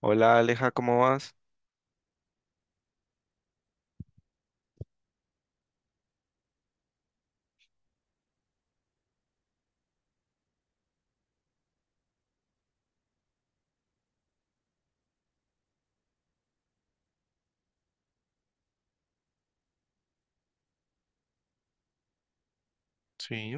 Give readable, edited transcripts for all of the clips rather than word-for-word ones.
Hola Aleja, ¿cómo vas? Sí.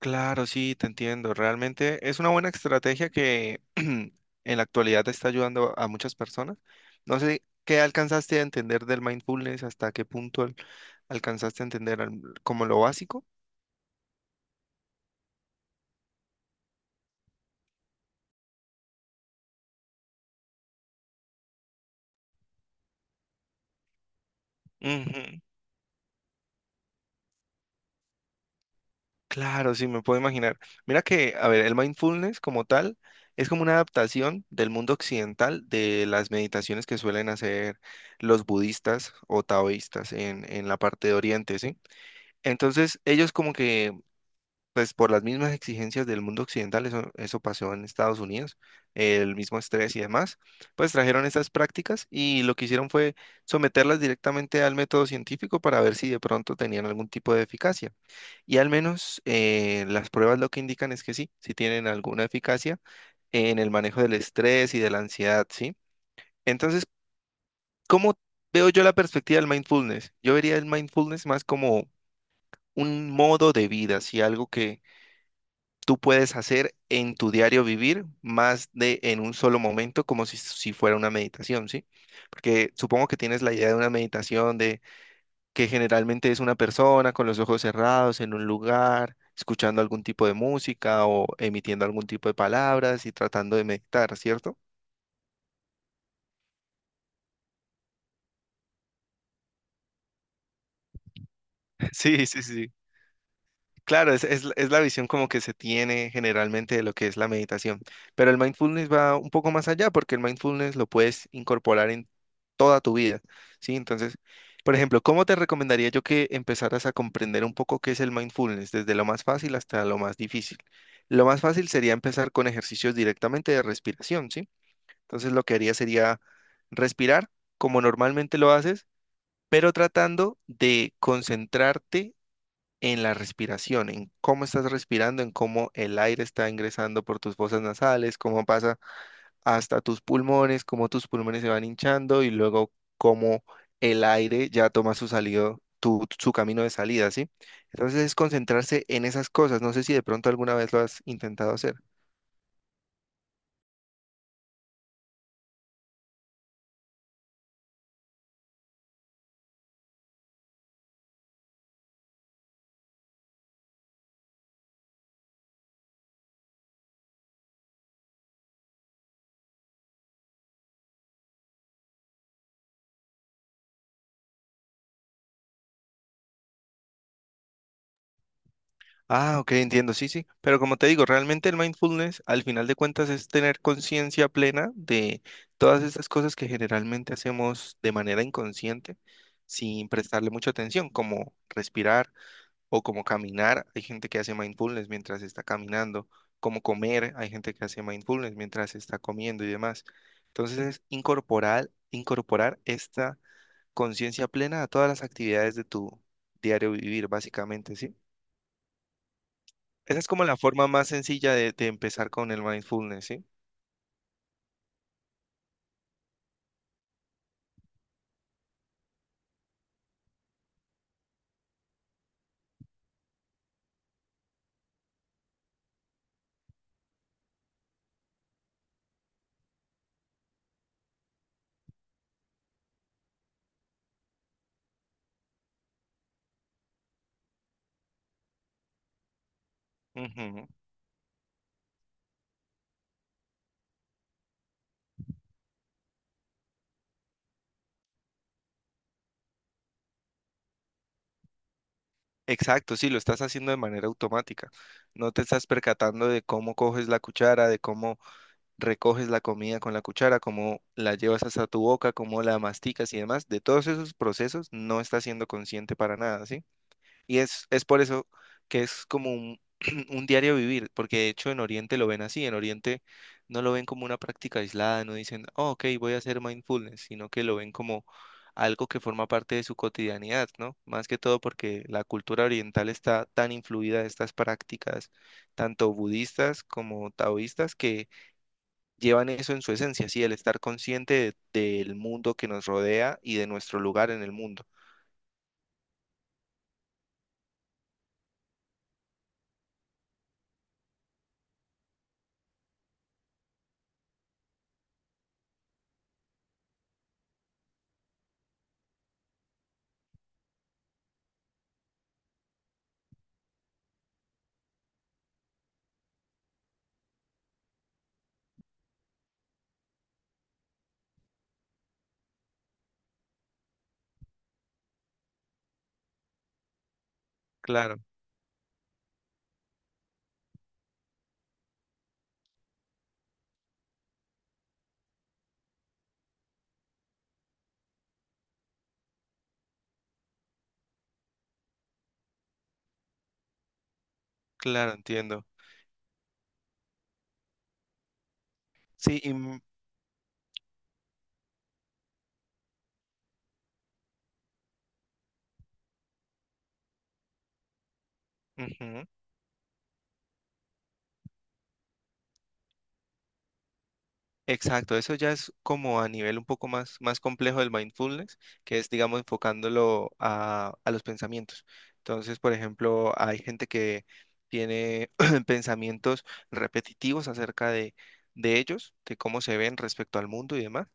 Claro, sí, te entiendo. Realmente es una buena estrategia que en la actualidad te está ayudando a muchas personas. No sé qué alcanzaste a entender del mindfulness, hasta qué punto alcanzaste a entender como lo básico. Ujú. Claro, sí, me puedo imaginar. Mira que, a ver, el mindfulness como tal es como una adaptación del mundo occidental de las meditaciones que suelen hacer los budistas o taoístas en la parte de Oriente, ¿sí? Entonces, ellos como que, pues por las mismas exigencias del mundo occidental, eso pasó en Estados Unidos, el mismo estrés y demás, pues trajeron estas prácticas y lo que hicieron fue someterlas directamente al método científico para ver si de pronto tenían algún tipo de eficacia. Y al menos las pruebas lo que indican es que sí, sí tienen alguna eficacia en el manejo del estrés y de la ansiedad, ¿sí? Entonces, ¿cómo veo yo la perspectiva del mindfulness? Yo vería el mindfulness más como un modo de vida, ¿sí? Algo que tú puedes hacer en tu diario vivir, más de en un solo momento, como si, si fuera una meditación, ¿sí? Porque supongo que tienes la idea de una meditación, que generalmente es una persona con los ojos cerrados en un lugar, escuchando algún tipo de música o emitiendo algún tipo de palabras y tratando de meditar, ¿cierto? Sí, sí, sí. Claro, es la visión como que se tiene generalmente de lo que es la meditación, pero el mindfulness va un poco más allá porque el mindfulness lo puedes incorporar en toda tu vida, ¿sí? Entonces, por ejemplo, ¿cómo te recomendaría yo que empezaras a comprender un poco qué es el mindfulness, desde lo más fácil hasta lo más difícil? Lo más fácil sería empezar con ejercicios directamente de respiración, ¿sí? Entonces, lo que haría sería respirar como normalmente lo haces, pero tratando de concentrarte en la respiración, en cómo estás respirando, en cómo el aire está ingresando por tus fosas nasales, cómo pasa hasta tus pulmones, cómo tus pulmones se van hinchando y luego cómo el aire ya toma su salido, su camino de salida, ¿sí? Entonces es concentrarse en esas cosas. No sé si de pronto alguna vez lo has intentado hacer. Ah, ok, entiendo, sí, sí. Pero como te digo, realmente el mindfulness, al final de cuentas, es tener conciencia plena de todas estas cosas que generalmente hacemos de manera inconsciente, sin prestarle mucha atención, como respirar o como caminar. Hay gente que hace mindfulness mientras está caminando, como comer. Hay gente que hace mindfulness mientras está comiendo y demás. Entonces, es incorporar, incorporar esta conciencia plena a todas las actividades de tu diario vivir, básicamente, ¿sí? Esa es como la forma más sencilla de empezar con el mindfulness, ¿sí? Ujú. Exacto, sí, lo estás haciendo de manera automática. No te estás percatando de cómo coges la cuchara, de cómo recoges la comida con la cuchara, cómo la llevas hasta tu boca, cómo la masticas y demás. De todos esos procesos no estás siendo consciente para nada, ¿sí? Y es por eso que es como un, un diario vivir, porque de hecho en Oriente lo ven así, en Oriente no lo ven como una práctica aislada, no dicen, oh, ok, voy a hacer mindfulness, sino que lo ven como algo que forma parte de su cotidianidad, ¿no? Más que todo porque la cultura oriental está tan influida de estas prácticas, tanto budistas como taoístas, que llevan eso en su esencia, sí, el estar consciente del mundo que nos rodea y de nuestro lugar en el mundo. Claro, claro, entiendo. Sí. Ujú. Exacto, eso ya es como a nivel un poco más, más complejo del mindfulness, que es, digamos, enfocándolo a los pensamientos. Entonces, por ejemplo, hay gente que tiene pensamientos repetitivos acerca de ellos, de cómo se ven respecto al mundo y demás,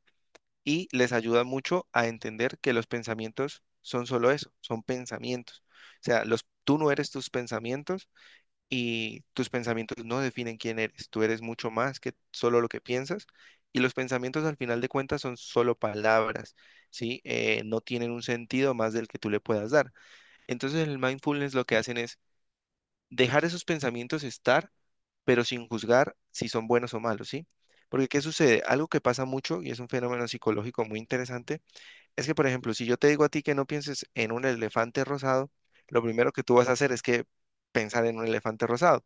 y les ayuda mucho a entender que los pensamientos son solo eso, son pensamientos. O sea, los, tú no eres tus pensamientos y tus pensamientos no definen quién eres. Tú eres mucho más que solo lo que piensas y los pensamientos al final de cuentas son solo palabras, ¿sí? No tienen un sentido más del que tú le puedas dar. Entonces el mindfulness lo que hacen es dejar esos pensamientos estar, pero sin juzgar si son buenos o malos, ¿sí? Porque ¿qué sucede? Algo que pasa mucho y es un fenómeno psicológico muy interesante, es que por ejemplo, si yo te digo a ti que no pienses en un elefante rosado, lo primero que tú vas a hacer es que pensar en un elefante rosado.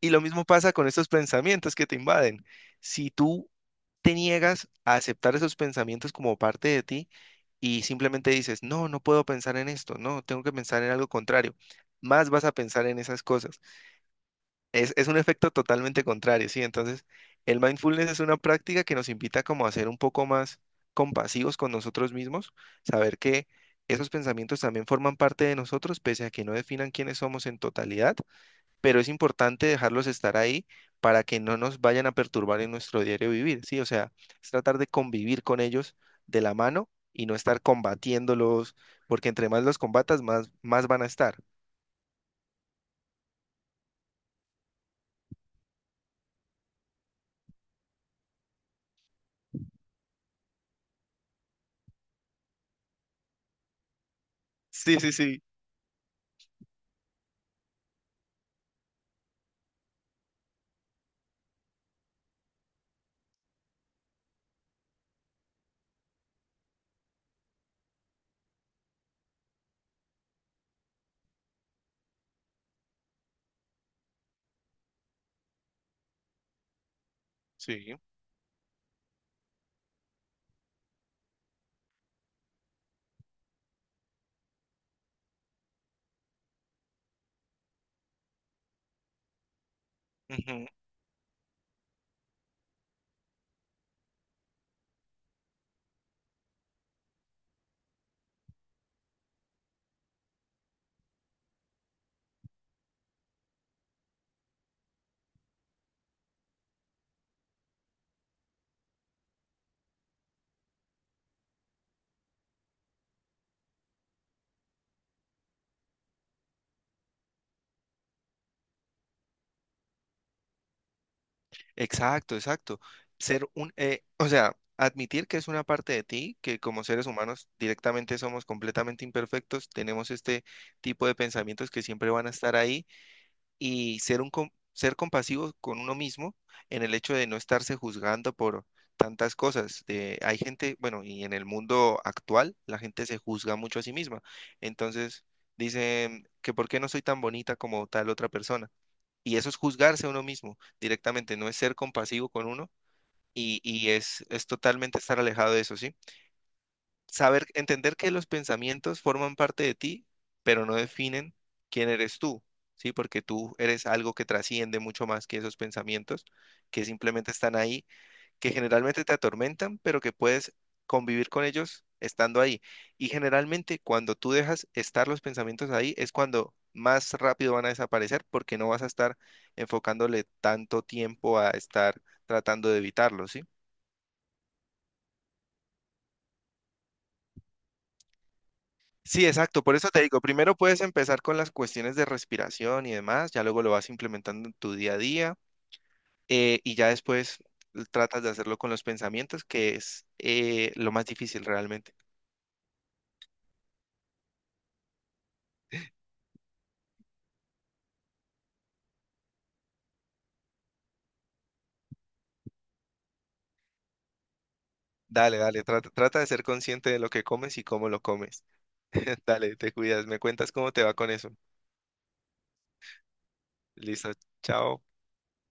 Y lo mismo pasa con estos pensamientos que te invaden. Si tú te niegas a aceptar esos pensamientos como parte de ti y simplemente dices, no, no puedo pensar en esto, no, tengo que pensar en algo contrario, más vas a pensar en esas cosas. Es un efecto totalmente contrario, ¿sí? Entonces, el mindfulness es una práctica que nos invita como a ser un poco más compasivos con nosotros mismos, saber que esos pensamientos también forman parte de nosotros, pese a que no definan quiénes somos en totalidad, pero es importante dejarlos estar ahí para que no nos vayan a perturbar en nuestro diario vivir, ¿sí? O sea, es tratar de convivir con ellos de la mano y no estar combatiéndolos, porque entre más los combatas, más, más van a estar. Sí, sí, sí. Sí. Ujú. Exacto, exacto. Ser un, o sea, admitir que es una parte de ti, que como seres humanos directamente somos completamente imperfectos, tenemos este tipo de pensamientos que siempre van a estar ahí y ser un ser compasivo con uno mismo en el hecho de no estarse juzgando por tantas cosas. De, hay gente, bueno, y en el mundo actual la gente se juzga mucho a sí misma. Entonces dicen que por qué no soy tan bonita como tal otra persona. Y eso es juzgarse a uno mismo directamente, no es ser compasivo con uno y es totalmente estar alejado de eso, ¿sí? Saber, entender que los pensamientos forman parte de ti, pero no definen quién eres tú, ¿sí? Porque tú eres algo que trasciende mucho más que esos pensamientos, que simplemente están ahí, que generalmente te atormentan, pero que puedes convivir con ellos estando ahí. Y generalmente cuando tú dejas estar los pensamientos ahí es cuando más rápido van a desaparecer porque no vas a estar enfocándole tanto tiempo a estar tratando de evitarlos, ¿sí? Sí, exacto, por eso te digo, primero puedes empezar con las cuestiones de respiración y demás, ya luego lo vas implementando en tu día a día, y ya después tratas de hacerlo con los pensamientos, que es lo más difícil realmente. Dale, dale, trata, trata de ser consciente de lo que comes y cómo lo comes. Dale, te cuidas, me cuentas cómo te va con eso. Listo, chao.